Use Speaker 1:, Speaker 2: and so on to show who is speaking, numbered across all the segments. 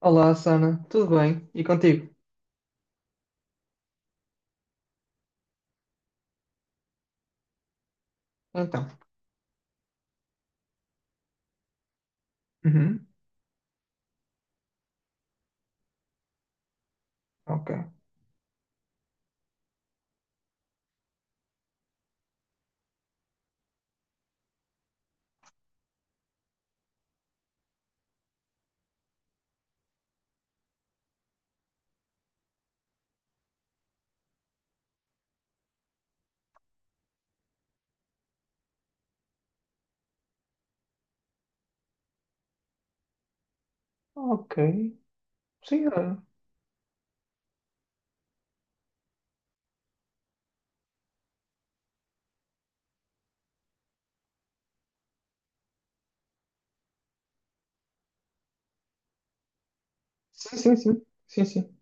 Speaker 1: Olá, Sana, tudo bem? E contigo? Então. Uhum. Ok. Ok. Sim, ah, sim, sim, sim. Sim, sim.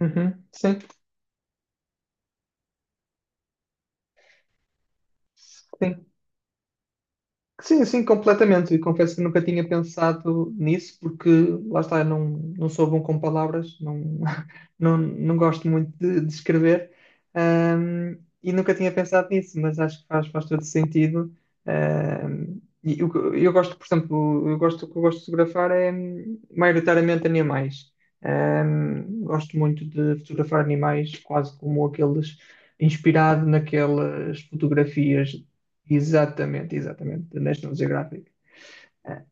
Speaker 1: Uhum. Sim. Sim. Sim, sim, completamente. E confesso que nunca tinha pensado nisso, porque lá está, eu não sou bom com palavras, não, não gosto muito de escrever, e nunca tinha pensado nisso, mas acho que faz todo sentido. E o que eu gosto, por exemplo, eu gosto, o que eu gosto de fotografar é maioritariamente animais. Gosto muito de fotografar animais, quase como aqueles inspirado naquelas fotografias. Exatamente, exatamente, da National Geographic. É,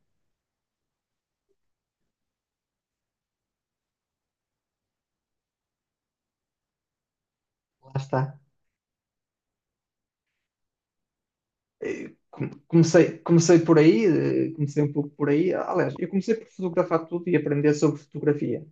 Speaker 1: lá está. Comecei por aí, comecei um pouco por aí. Aliás, eu comecei por fotografar tudo e aprender sobre fotografia,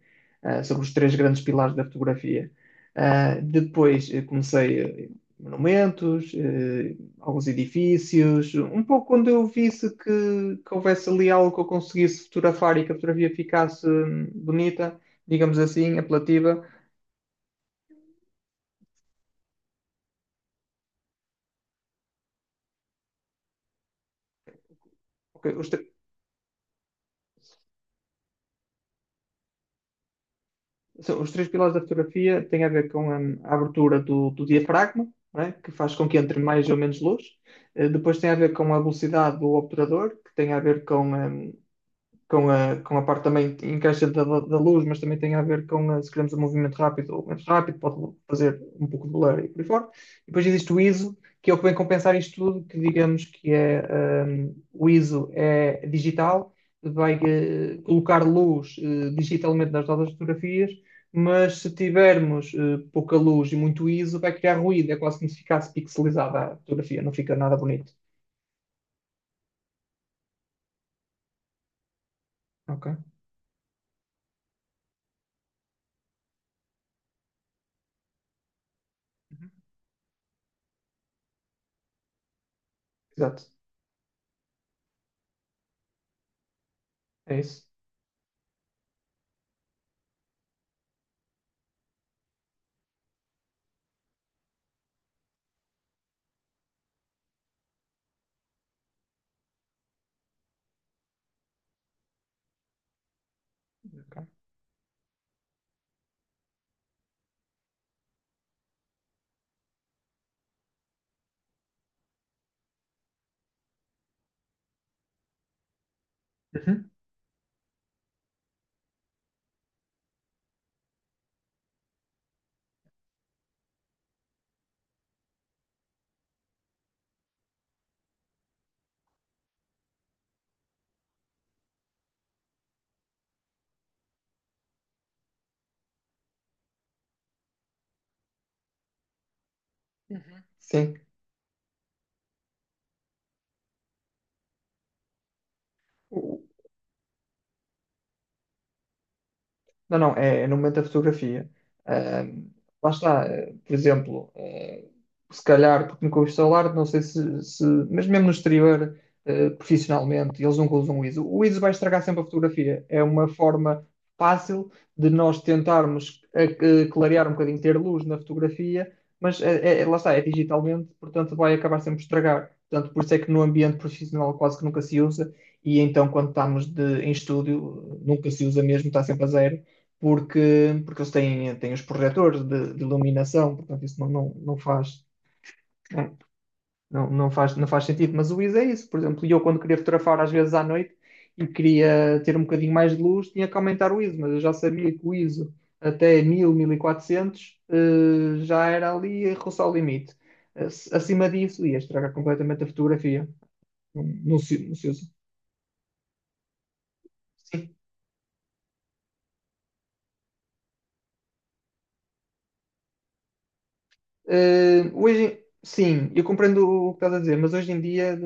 Speaker 1: sobre os três grandes pilares da fotografia. Depois comecei eh, monumentos, alguns edifícios, um pouco quando eu visse que, houvesse ali algo que eu conseguisse fotografar e que a fotografia ficasse bonita, digamos assim, apelativa. Ok. Os três pilares da fotografia têm a ver com a abertura do, diafragma, não é? Que faz com que entre mais ou menos luz. Depois tem a ver com a velocidade do obturador, que tem a ver com com a parte também que encaixa da, luz, mas também tem a ver com a, se queremos um movimento rápido ou menos rápido, pode fazer um pouco de blur e por aí fora. E depois existe o ISO, que é o que vem compensar isto tudo, que digamos que é um, o ISO é digital, vai colocar luz digitalmente nas nossas fotografias, mas se tivermos pouca luz e muito ISO, vai criar ruído, é quase como se ficasse pixelizada a fotografia, não fica nada bonito. Ok? Uhum. Exato, é isso. Okay. Uhum. Sim. Não, não, é no momento da fotografia. Ahm, Lá está, por exemplo, se calhar, porque nunca o instalar, não sei se, mas mesmo no exterior, profissionalmente, eles nunca usam o ISO. O ISO vai estragar sempre a fotografia. É uma forma fácil de nós tentarmos clarear um bocadinho, ter luz na fotografia, mas lá está, é digitalmente, portanto vai acabar sempre por estragar. Portanto, por isso é que no ambiente profissional quase que nunca se usa, e então quando estamos em estúdio, nunca se usa mesmo, está sempre a zero porque, eles têm os projetores de, iluminação, portanto, isso não, não, não faz, né? Não, não faz, não faz sentido, mas o ISO é isso. Por exemplo, eu quando queria fotografar às vezes à noite e queria ter um bocadinho mais de luz, tinha que aumentar o ISO, mas eu já sabia que o ISO até 1000, 1400 já era ali a roçar o limite. Eh, Acima disso ia estragar completamente a fotografia. Não, não se usa. Sim. Hoje, sim, eu compreendo o que estás a dizer, mas hoje em dia,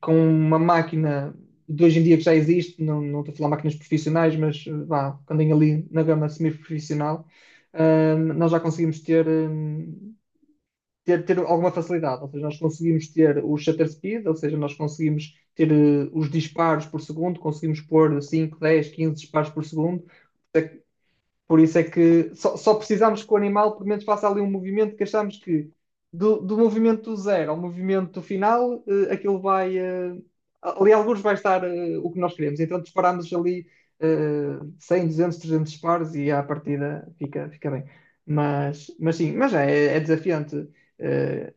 Speaker 1: com uma máquina de hoje em dia que já existe, não estou a falar máquinas profissionais, mas vá, quando andem ali na gama semi-profissional, nós já conseguimos ter, alguma facilidade, ou seja, nós conseguimos ter o shutter speed, ou seja, nós conseguimos ter os disparos por segundo, conseguimos pôr 5 10 15 disparos por segundo, por isso é que só precisamos que o animal, pelo menos, faça ali um movimento que achamos que do, movimento zero ao movimento final, aquilo vai. Ali, alguns vai estar o que nós queremos. Então, disparamos ali 100, 200, 300 disparos e à partida fica bem. Mas sim, mas é desafiante. Eh,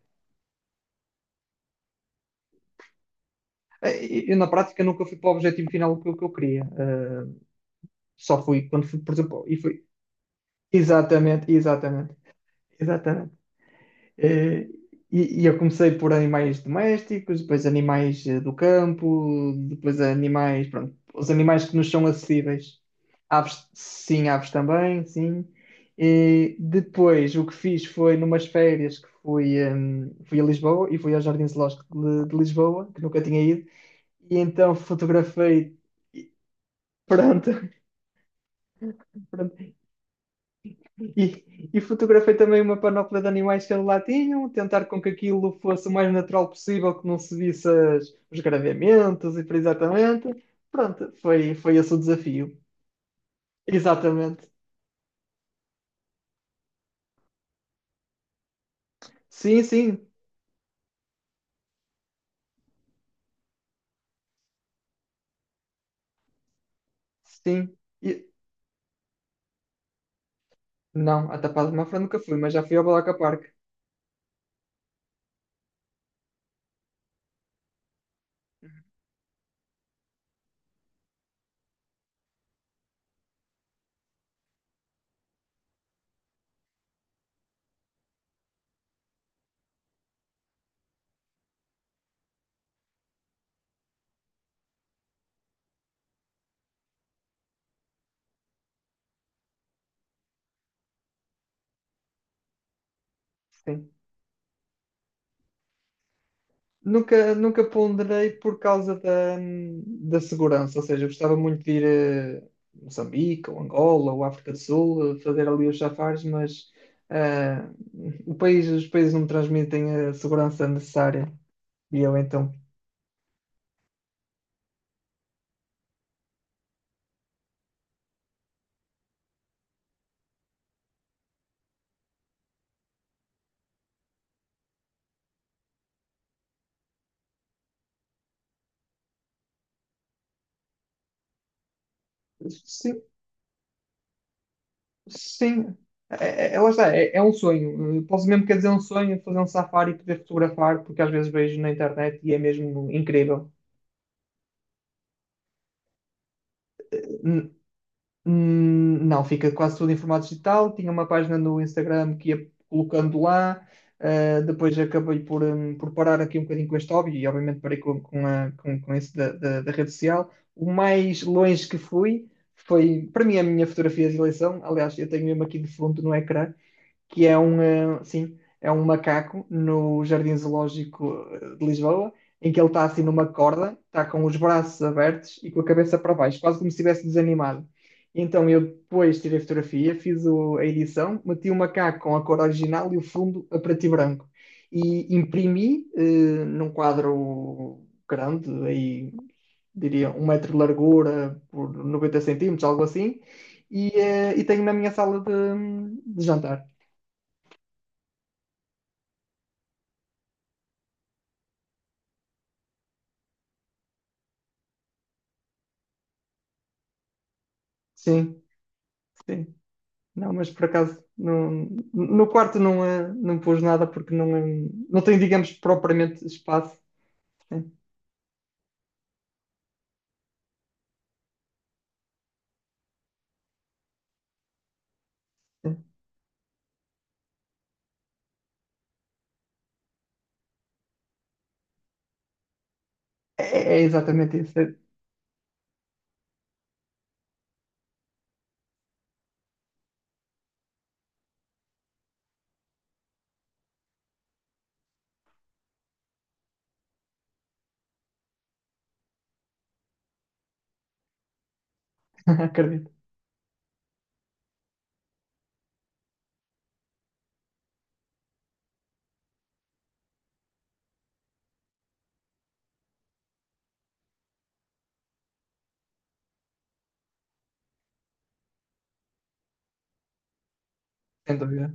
Speaker 1: eu, na prática, nunca fui para o objetivo final que eu queria. Só fui quando fui, por exemplo, e fui. Exatamente, exatamente, exatamente. Eh, e eu comecei por animais domésticos, depois animais do campo, depois animais, pronto, os animais que nos são acessíveis. Aves, sim, aves também, sim. E depois o que fiz foi numas férias que fui, fui a Lisboa e fui ao Jardim Zoológico de, Lisboa, que nunca tinha ido, e então fotografei, pronto, E fotografei também uma panóplia de animais que eles lá tinham, tentar com que aquilo fosse o mais natural possível, que não se visse os gravamentos e por aí exatamente. Pronto, foi esse o desafio. Exatamente. Sim, sim, sim. E- não, a Tapada de Mafra nunca fui, mas já fui ao Balaca Park. Sim. Nunca ponderei por causa da, segurança, ou seja, eu gostava muito de ir a Moçambique, ou Angola, ou África do Sul, fazer ali os safaris, mas ah, o país, os países não me transmitem a segurança necessária. E eu então, sim, sim, é, lá está, é um sonho. Posso mesmo quer dizer um sonho, fazer um safari e poder fotografar, porque às vezes vejo na internet e é mesmo incrível. Não, fica quase tudo em formato digital. Tinha uma página no Instagram que ia colocando lá. Depois acabei por parar aqui um bocadinho com este hobby e, obviamente, parei com esse da, rede social. O mais longe que fui foi, para mim, a minha fotografia de eleição. Aliás, eu tenho mesmo aqui de fundo no ecrã que sim, é um macaco no Jardim Zoológico de Lisboa, em que ele está assim numa corda, está com os braços abertos e com a cabeça para baixo, quase como se estivesse desanimado. Então eu depois tirei a fotografia, fiz a edição, meti o macaco com a cor original e o fundo a preto e branco. E imprimi num quadro grande, aí diria 1 metro de largura por 90 centímetros, algo assim, e tenho na minha sala de jantar. Sim, sim. Não, mas por acaso não, no quarto não, não pus nada porque não, não tem, digamos, propriamente espaço. Sim, sim. É, é exatamente isso. Acredito, sem dúvida.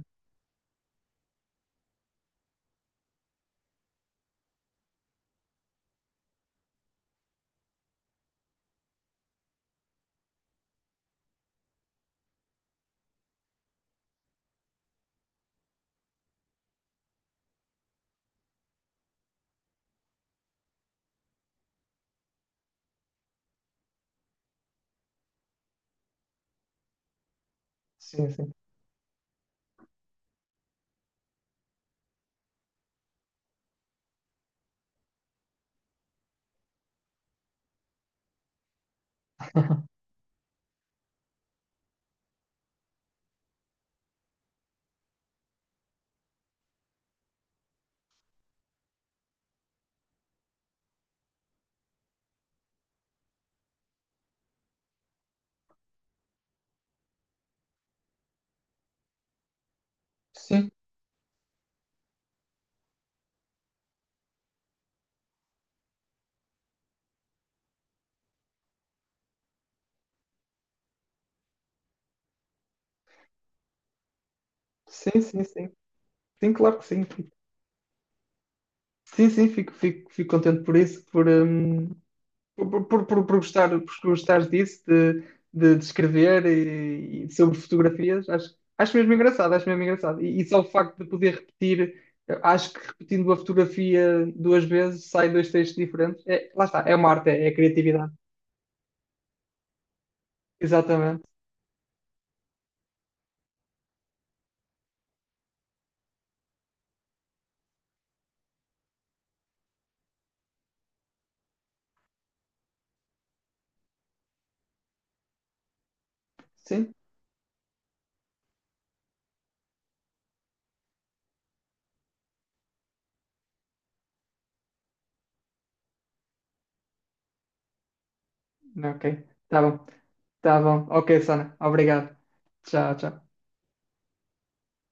Speaker 1: Sim, sim. Sim, sim, sim, sim. Sim, claro que sim. Sim, sim, fico contente por isso, por gostar, por gostar disso, de escrever e sobre fotografias, acho mesmo engraçado, acho mesmo engraçado. E só o facto de poder repetir, eu acho que repetindo a fotografia duas vezes sai dois textos diferentes. É, lá está, é uma arte, é criatividade. Exatamente. Sim? Ok. Tá bom, tá bom. Ok, Sana, obrigado. Tchau, tchau.